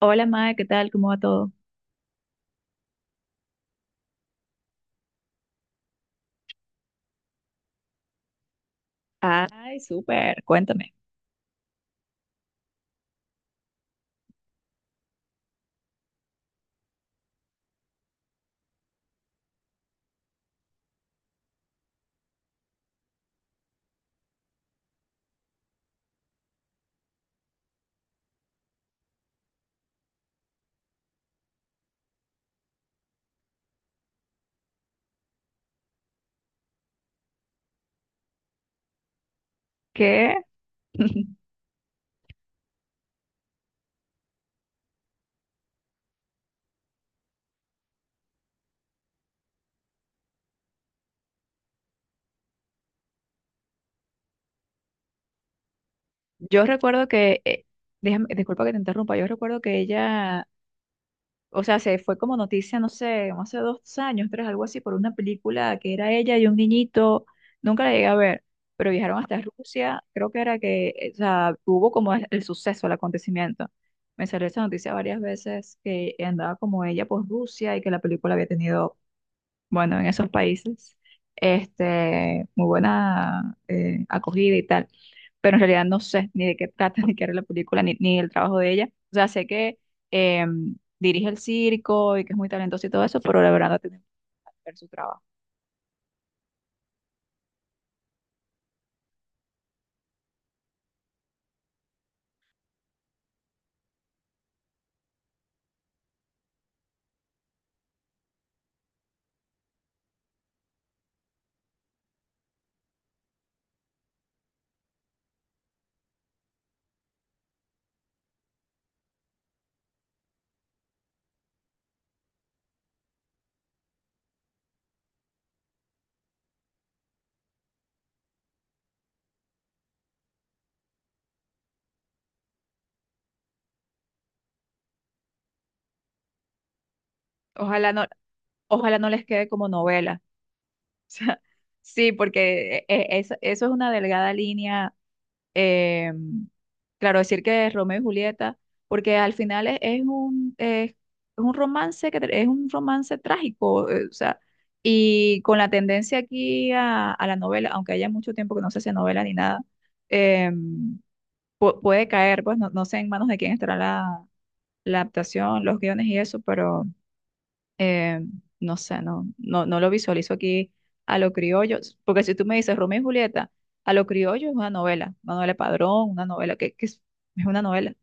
Hola, Mae, ¿qué tal? ¿Cómo va todo? Ay, súper, cuéntame. ¿Qué? Yo recuerdo que, déjame, disculpa que te interrumpa, yo recuerdo que ella, o sea, se fue como noticia, no sé, como hace 2 años, tres, algo así, por una película que era ella y un niñito, nunca la llegué a ver, pero viajaron hasta Rusia, creo que era que, o sea, hubo como el suceso, el acontecimiento. Me salió esa noticia varias veces que andaba como ella por Rusia y que la película había tenido bueno, en esos países, este, muy buena acogida y tal. Pero en realidad no sé ni de qué trata, ni qué era la película, ni el trabajo de ella. O sea, sé que eh, dirige el circo y que es muy talentosa y todo eso, pero la verdad no tiene que ver su trabajo. Ojalá no, ojalá no les quede como novela. O sea, sí, porque eso es una delgada línea eh, claro, decir que es Romeo y Julieta, porque al final un romance es un romance trágico, o sea, y con la tendencia aquí a la novela, aunque haya mucho tiempo que no se hace novela ni nada, eh, puede caer, pues no sé en manos de quién estará la adaptación, los guiones y eso, eh, no sé, no lo visualizo aquí a lo criollo, porque si tú me dices Romeo y Julieta, a lo criollo es una novela de Padrón, una novela es una novela.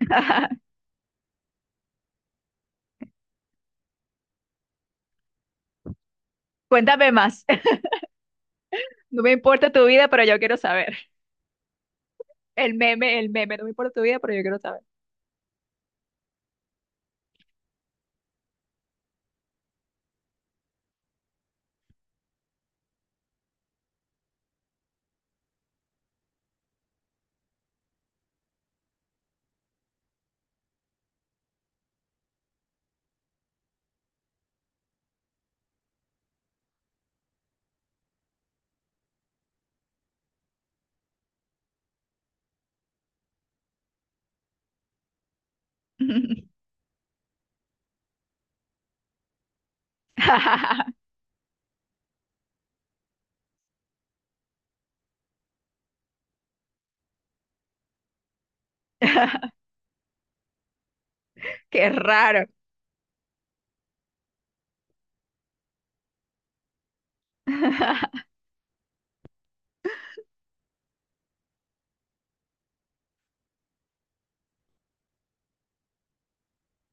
Cuéntame más. No me importa tu vida, pero yo quiero saber. El meme, no me importa tu vida, pero yo quiero saber. Qué raro.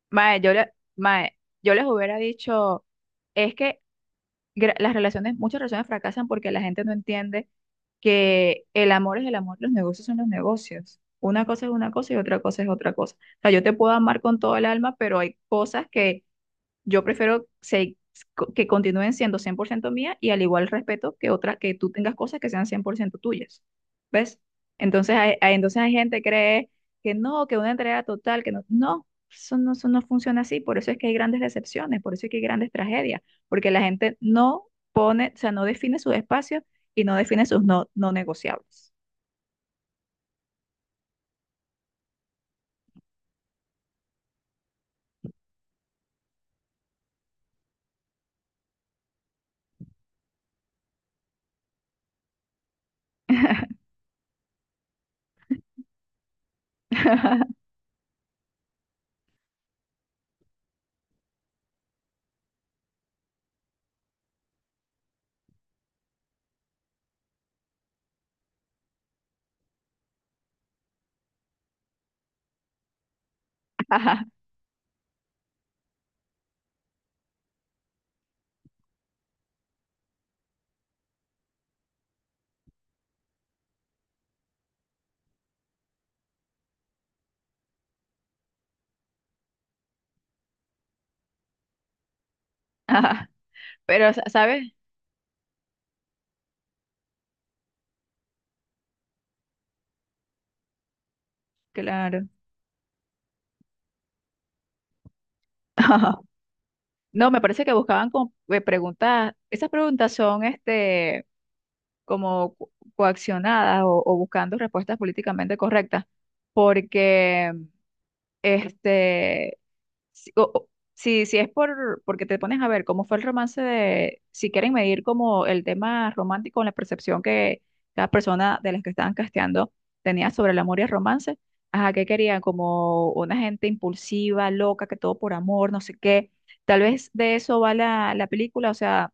Mae, yo les hubiera dicho, es que muchas relaciones fracasan porque la gente no entiende que el amor es el amor, los negocios son los negocios. Una cosa es una cosa y otra cosa es otra cosa. O sea, yo te puedo amar con todo el alma, pero hay cosas que yo prefiero que continúen siendo 100% mía y al igual respeto que otras, que tú tengas cosas que sean 100% tuyas, ¿ves? Entonces entonces hay gente que cree que no, que una entrega total, que eso no funciona así, por eso es que hay grandes decepciones, por eso es que hay grandes tragedias, porque la gente no pone, o sea, no define sus espacios y no define sus no negociables. Pero, ¿sabes? Claro. No, me parece que buscaban como, preguntas, esas preguntas son este, como coaccionadas o buscando respuestas políticamente correctas, porque este, si es porque te pones a ver cómo fue el romance de, si quieren medir como el tema romántico, la percepción que cada persona de las que estaban casteando tenía sobre el amor y el romance, ajá, que querían como una gente impulsiva, loca, que todo por amor, no sé qué. Tal vez de eso va la película, o sea,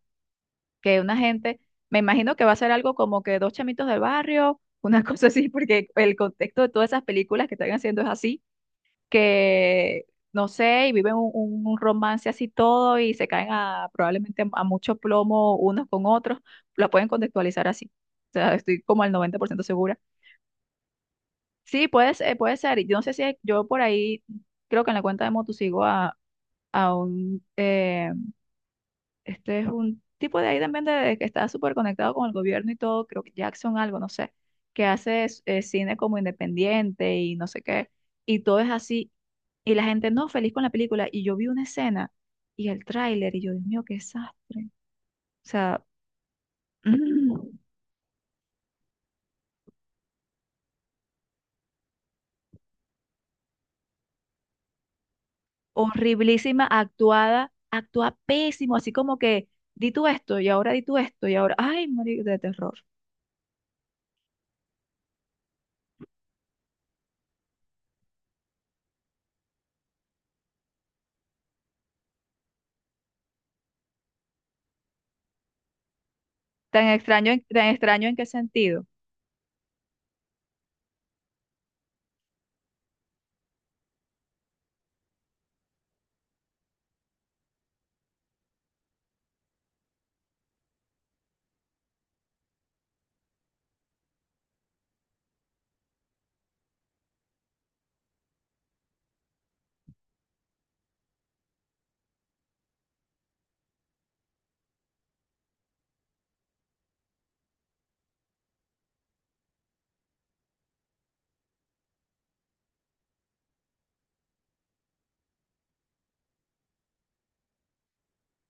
que una gente, me imagino que va a ser algo como que dos chamitos del barrio, una cosa así, porque el contexto de todas esas películas que están haciendo es así que, no sé, y viven un romance así todo y se caen a probablemente a mucho plomo unos con otros, la pueden contextualizar así. O sea, estoy como al 90% segura. Sí, puede ser. Y yo no sé si hay- yo por ahí, creo que en la cuenta de Motu sigo a un, este es un tipo de ahí también de que está súper conectado con el gobierno y todo, creo que Jackson algo, no sé, que hace cine como independiente y no sé qué, y todo es así, y la gente no feliz con la película, y yo vi una escena y el tráiler, y yo, Dios mío, qué desastre. O sea, horriblísima, actuada, actúa pésimo, así como que di tú esto, y ahora di tú esto, y ahora, ay, morir de terror. Tan extraño, tan extraño en qué sentido.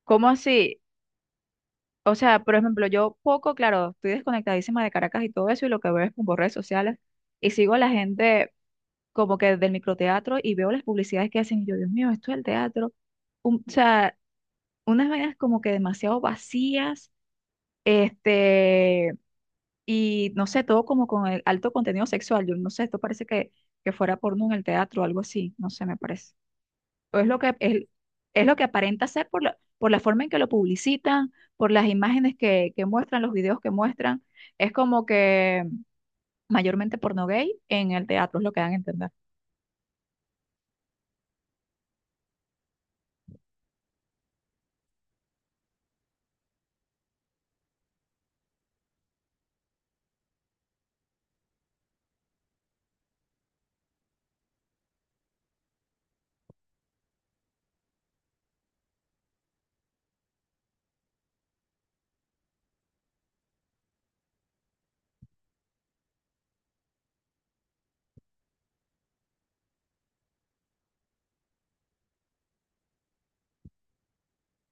¿Cómo así? O sea, por ejemplo, yo poco, claro, estoy desconectadísima de Caracas y todo eso, y lo que veo es por redes sociales, y sigo a la gente como que del microteatro y veo las publicidades que hacen, y yo, Dios mío, esto es el teatro. O sea, unas vainas como que demasiado vacías, este, y no sé, todo como con el alto contenido sexual. Yo no sé, esto parece que fuera porno en el teatro o algo así, no sé, me parece o es lo que aparenta ser por la forma en que lo publicitan, por las imágenes que muestran, los videos que muestran. Es como que mayormente porno gay en el teatro, es lo que dan a entender.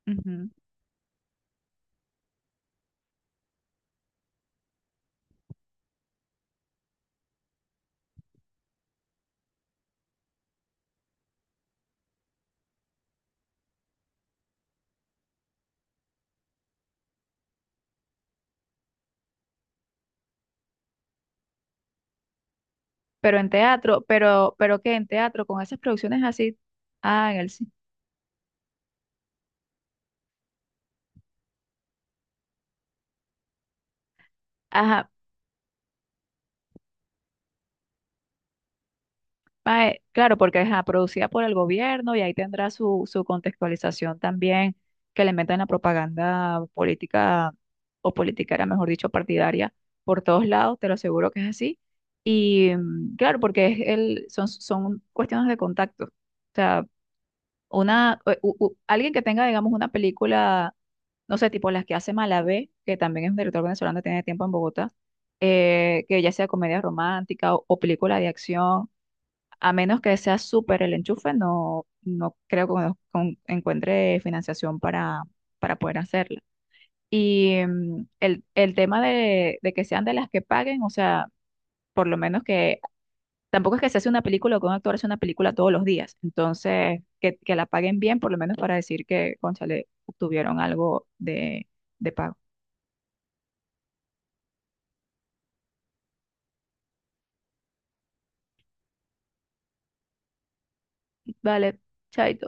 Ujú. Pero en teatro, pero que en teatro, con esas producciones así, ah, en el cine. Ajá, Mae, claro, porque es producida por el gobierno y ahí tendrá su contextualización también que le meten la propaganda política o politiquera, mejor dicho, partidaria por todos lados, te lo aseguro que es así. Y claro, porque son cuestiones de contacto. O sea, una, u- u- u- alguien que tenga, digamos, una película, no sé, tipo las que hace Malabé, que también es un director venezolano, tiene tiempo en Bogotá, que ya sea comedia romántica o película de acción a menos que sea súper el enchufe, no creo que encuentre financiación para, poder hacerla. Y el tema de que sean de las que paguen, o sea, por lo menos que tampoco es que se hace una película o que un actor hace una película todos los días. Entonces, que la paguen bien, por lo menos para decir que, cónchale, obtuvieron algo de pago. Vale, chaito.